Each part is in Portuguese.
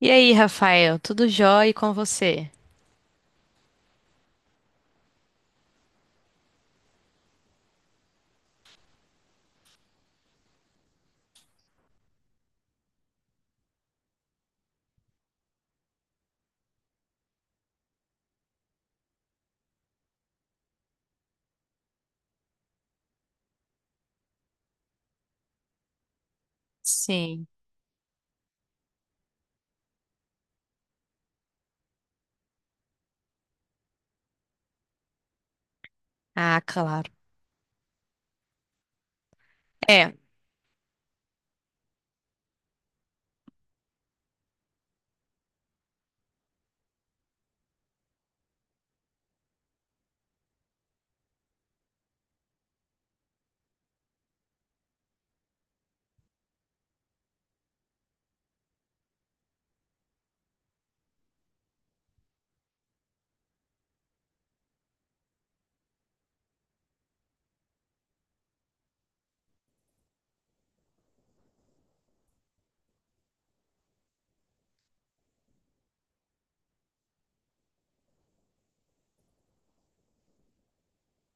E aí, Rafael, tudo jóia e com você? Sim. Ah, claro. É.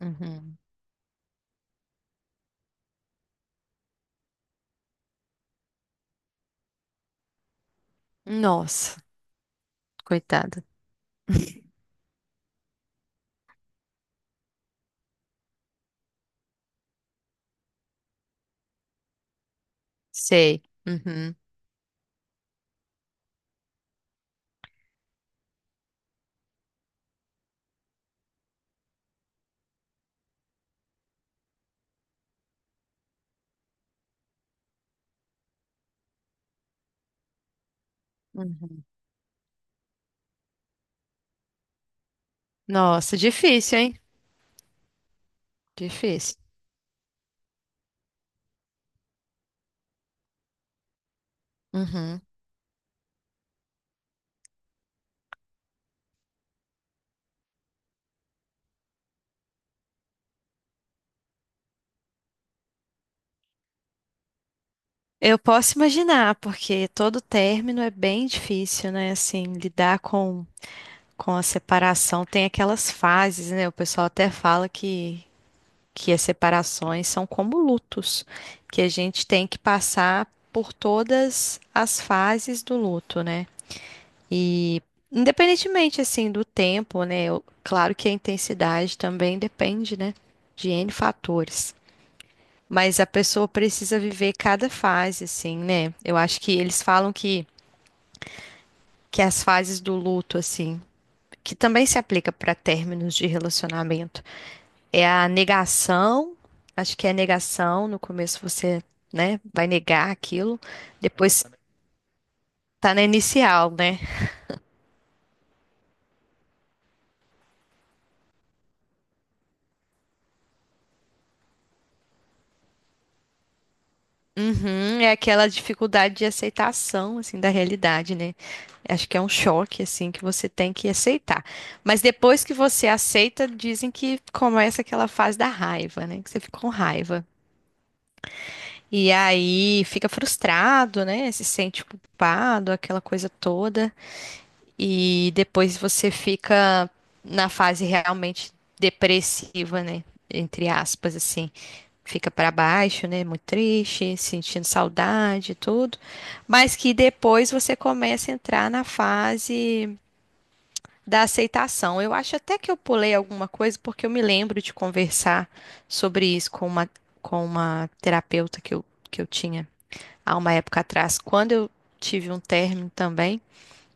Uhum. Nossa, coitada. Sei. Uhum. Uhum. Nossa, difícil, hein? Difícil. Uhum. Eu posso imaginar, porque todo término é bem difícil, né? Assim, lidar com a separação tem aquelas fases, né? O pessoal até fala que as separações são como lutos, que a gente tem que passar por todas as fases do luto, né? E independentemente assim do tempo, né? Claro que a intensidade também depende, né? De N fatores. Mas a pessoa precisa viver cada fase, assim, né? Eu acho que eles falam que as fases do luto, assim, que também se aplica para términos de relacionamento. É a negação, acho que é a negação, no começo você, né, vai negar aquilo, depois tá na inicial, né? Uhum, é aquela dificuldade de aceitação, assim, da realidade, né? Acho que é um choque, assim, que você tem que aceitar. Mas depois que você aceita, dizem que começa aquela fase da raiva, né? Que você fica com raiva. E aí fica frustrado, né? Se sente culpado, aquela coisa toda. E depois você fica na fase realmente depressiva, né? Entre aspas, assim. Fica pra baixo, né? Muito triste, sentindo saudade e tudo. Mas que depois você começa a entrar na fase da aceitação. Eu acho até que eu pulei alguma coisa, porque eu me lembro de conversar sobre isso com uma terapeuta que eu tinha há uma época atrás, quando eu tive um término também.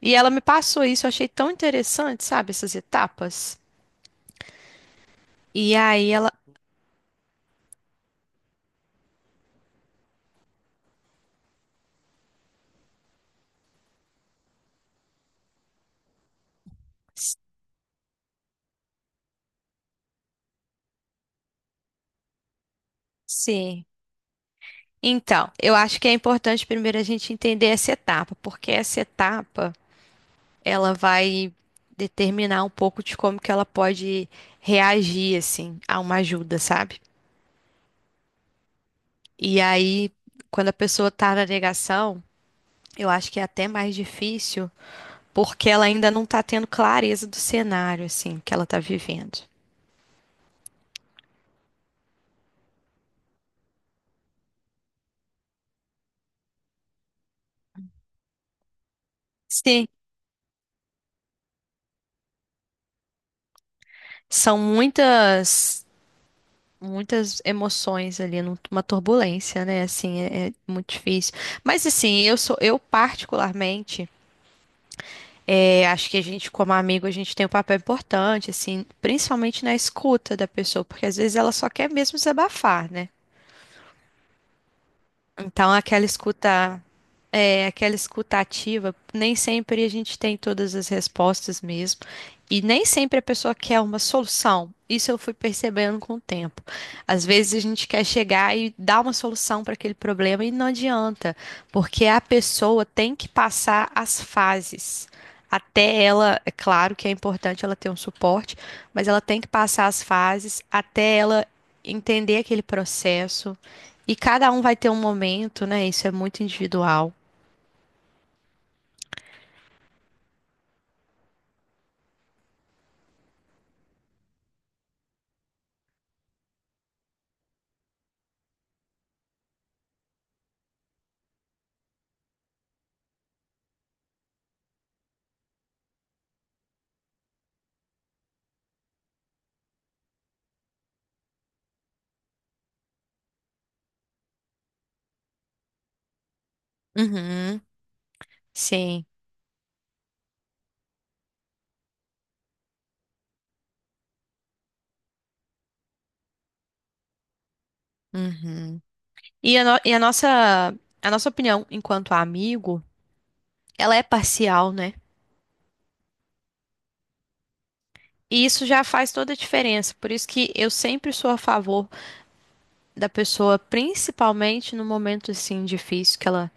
E ela me passou isso, eu achei tão interessante, sabe, essas etapas. E aí ela. Sim. Então, eu acho que é importante primeiro a gente entender essa etapa, porque essa etapa ela vai determinar um pouco de como que ela pode reagir assim a uma ajuda, sabe? E aí, quando a pessoa tá na negação, eu acho que é até mais difícil, porque ela ainda não tá tendo clareza do cenário assim que ela tá vivendo. Sim, são muitas emoções ali, uma turbulência, né? Assim, é muito difícil. Mas assim, eu particularmente, acho que a gente, como amigo, a gente tem um papel importante, assim, principalmente na escuta da pessoa, porque às vezes ela só quer mesmo desabafar, né? Então, aquela escuta, aquela escuta ativa, nem sempre a gente tem todas as respostas mesmo. E nem sempre a pessoa quer uma solução. Isso eu fui percebendo com o tempo. Às vezes a gente quer chegar e dar uma solução para aquele problema e não adianta, porque a pessoa tem que passar as fases. Até ela, é claro que é importante ela ter um suporte, mas ela tem que passar as fases até ela entender aquele processo e cada um vai ter um momento, né? Isso é muito individual. Uhum, sim. Uhum. E a, no- e a nossa opinião enquanto amigo, ela é parcial, né? E isso já faz toda a diferença. Por isso que eu sempre sou a favor da pessoa, principalmente no momento assim difícil que ela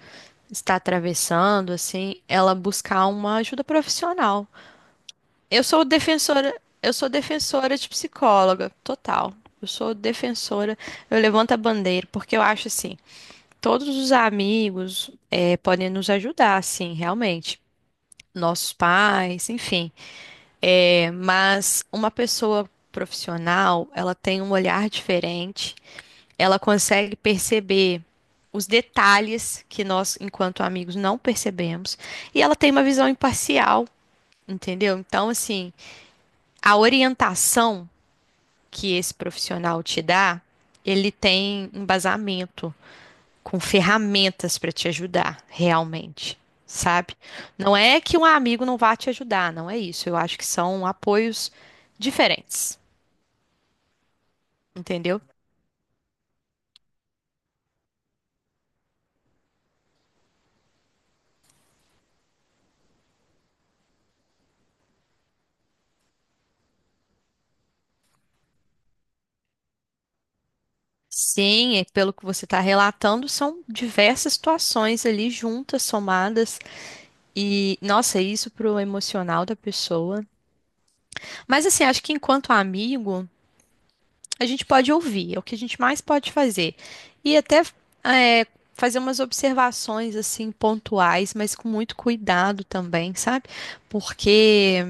está atravessando, assim, ela buscar uma ajuda profissional. Eu sou defensora de psicóloga, total. Eu sou defensora, eu levanto a bandeira, porque eu acho assim, todos os amigos podem nos ajudar, sim, realmente. Nossos pais, enfim. Mas uma pessoa profissional, ela tem um olhar diferente, ela consegue perceber os detalhes que nós, enquanto amigos, não percebemos, e ela tem uma visão imparcial, entendeu? Então, assim, a orientação que esse profissional te dá, ele tem embasamento com ferramentas para te ajudar realmente, sabe? Não é que um amigo não vá te ajudar, não é isso. Eu acho que são apoios diferentes, entendeu? Sim, é pelo que você está relatando, são diversas situações ali juntas, somadas, e nossa, é isso pro emocional da pessoa. Mas assim, acho que enquanto amigo, a gente pode ouvir, é o que a gente mais pode fazer. E até é, fazer umas observações assim pontuais, mas com muito cuidado também, sabe? Porque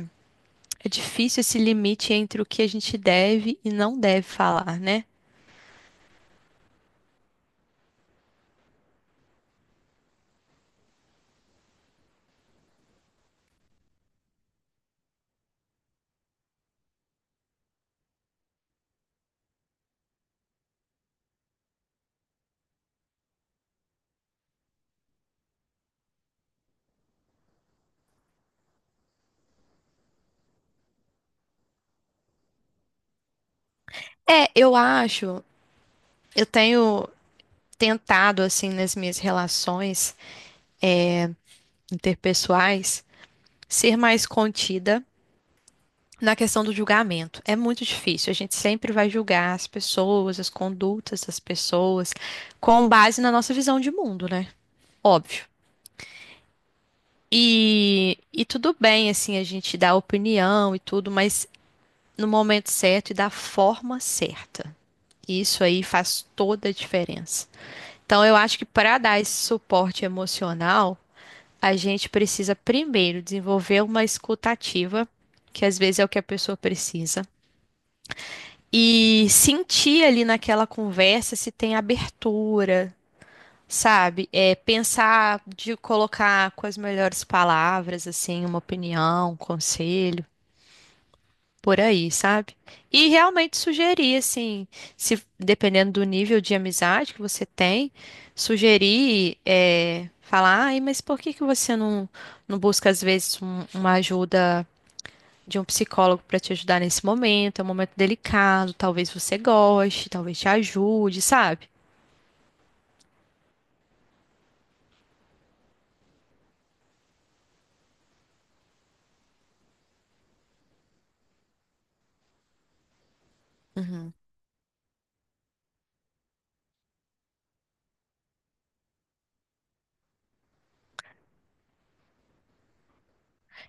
é difícil esse limite entre o que a gente deve e não deve falar, né? É, eu acho, eu tenho tentado assim nas minhas relações interpessoais ser mais contida na questão do julgamento, é muito difícil. A gente sempre vai julgar as pessoas, as condutas das pessoas, com base na nossa visão de mundo, né? Óbvio. E tudo bem, assim, a gente dá opinião e tudo, mas no momento certo e da forma certa. Isso aí faz toda a diferença. Então, eu acho que para dar esse suporte emocional, a gente precisa primeiro desenvolver uma escutativa, que às vezes é o que a pessoa precisa. E sentir ali naquela conversa se tem abertura, sabe? Pensar de colocar com as melhores palavras, assim, uma opinião, um conselho, por aí, sabe? E realmente sugerir, assim, se dependendo do nível de amizade que você tem, sugerir, falar, ai, mas por que que você não, não busca às vezes uma ajuda de um psicólogo para te ajudar nesse momento, é um momento delicado, talvez você goste, talvez te ajude, sabe?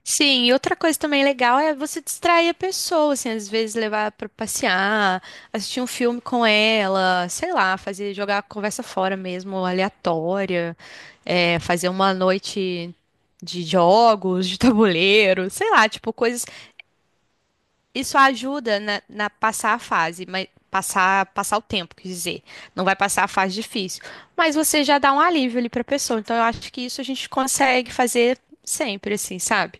Sim, e outra coisa também legal é você distrair a pessoa, assim, às vezes levar para passear, assistir um filme com ela, sei lá, fazer jogar a conversa fora mesmo, aleatória, fazer uma noite de jogos, de tabuleiro, sei lá, tipo coisas. Isso ajuda na passar a fase, mas passar, passar o tempo, quer dizer, não vai passar a fase difícil, mas você já dá um alívio ali para a pessoa. Então eu acho que isso a gente consegue fazer sempre, assim, sabe?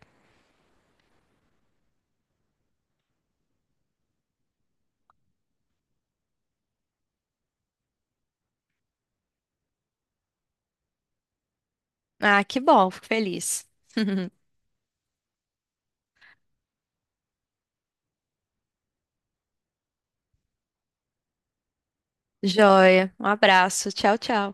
Ah, que bom, fico feliz. Joia, um abraço, tchau, tchau.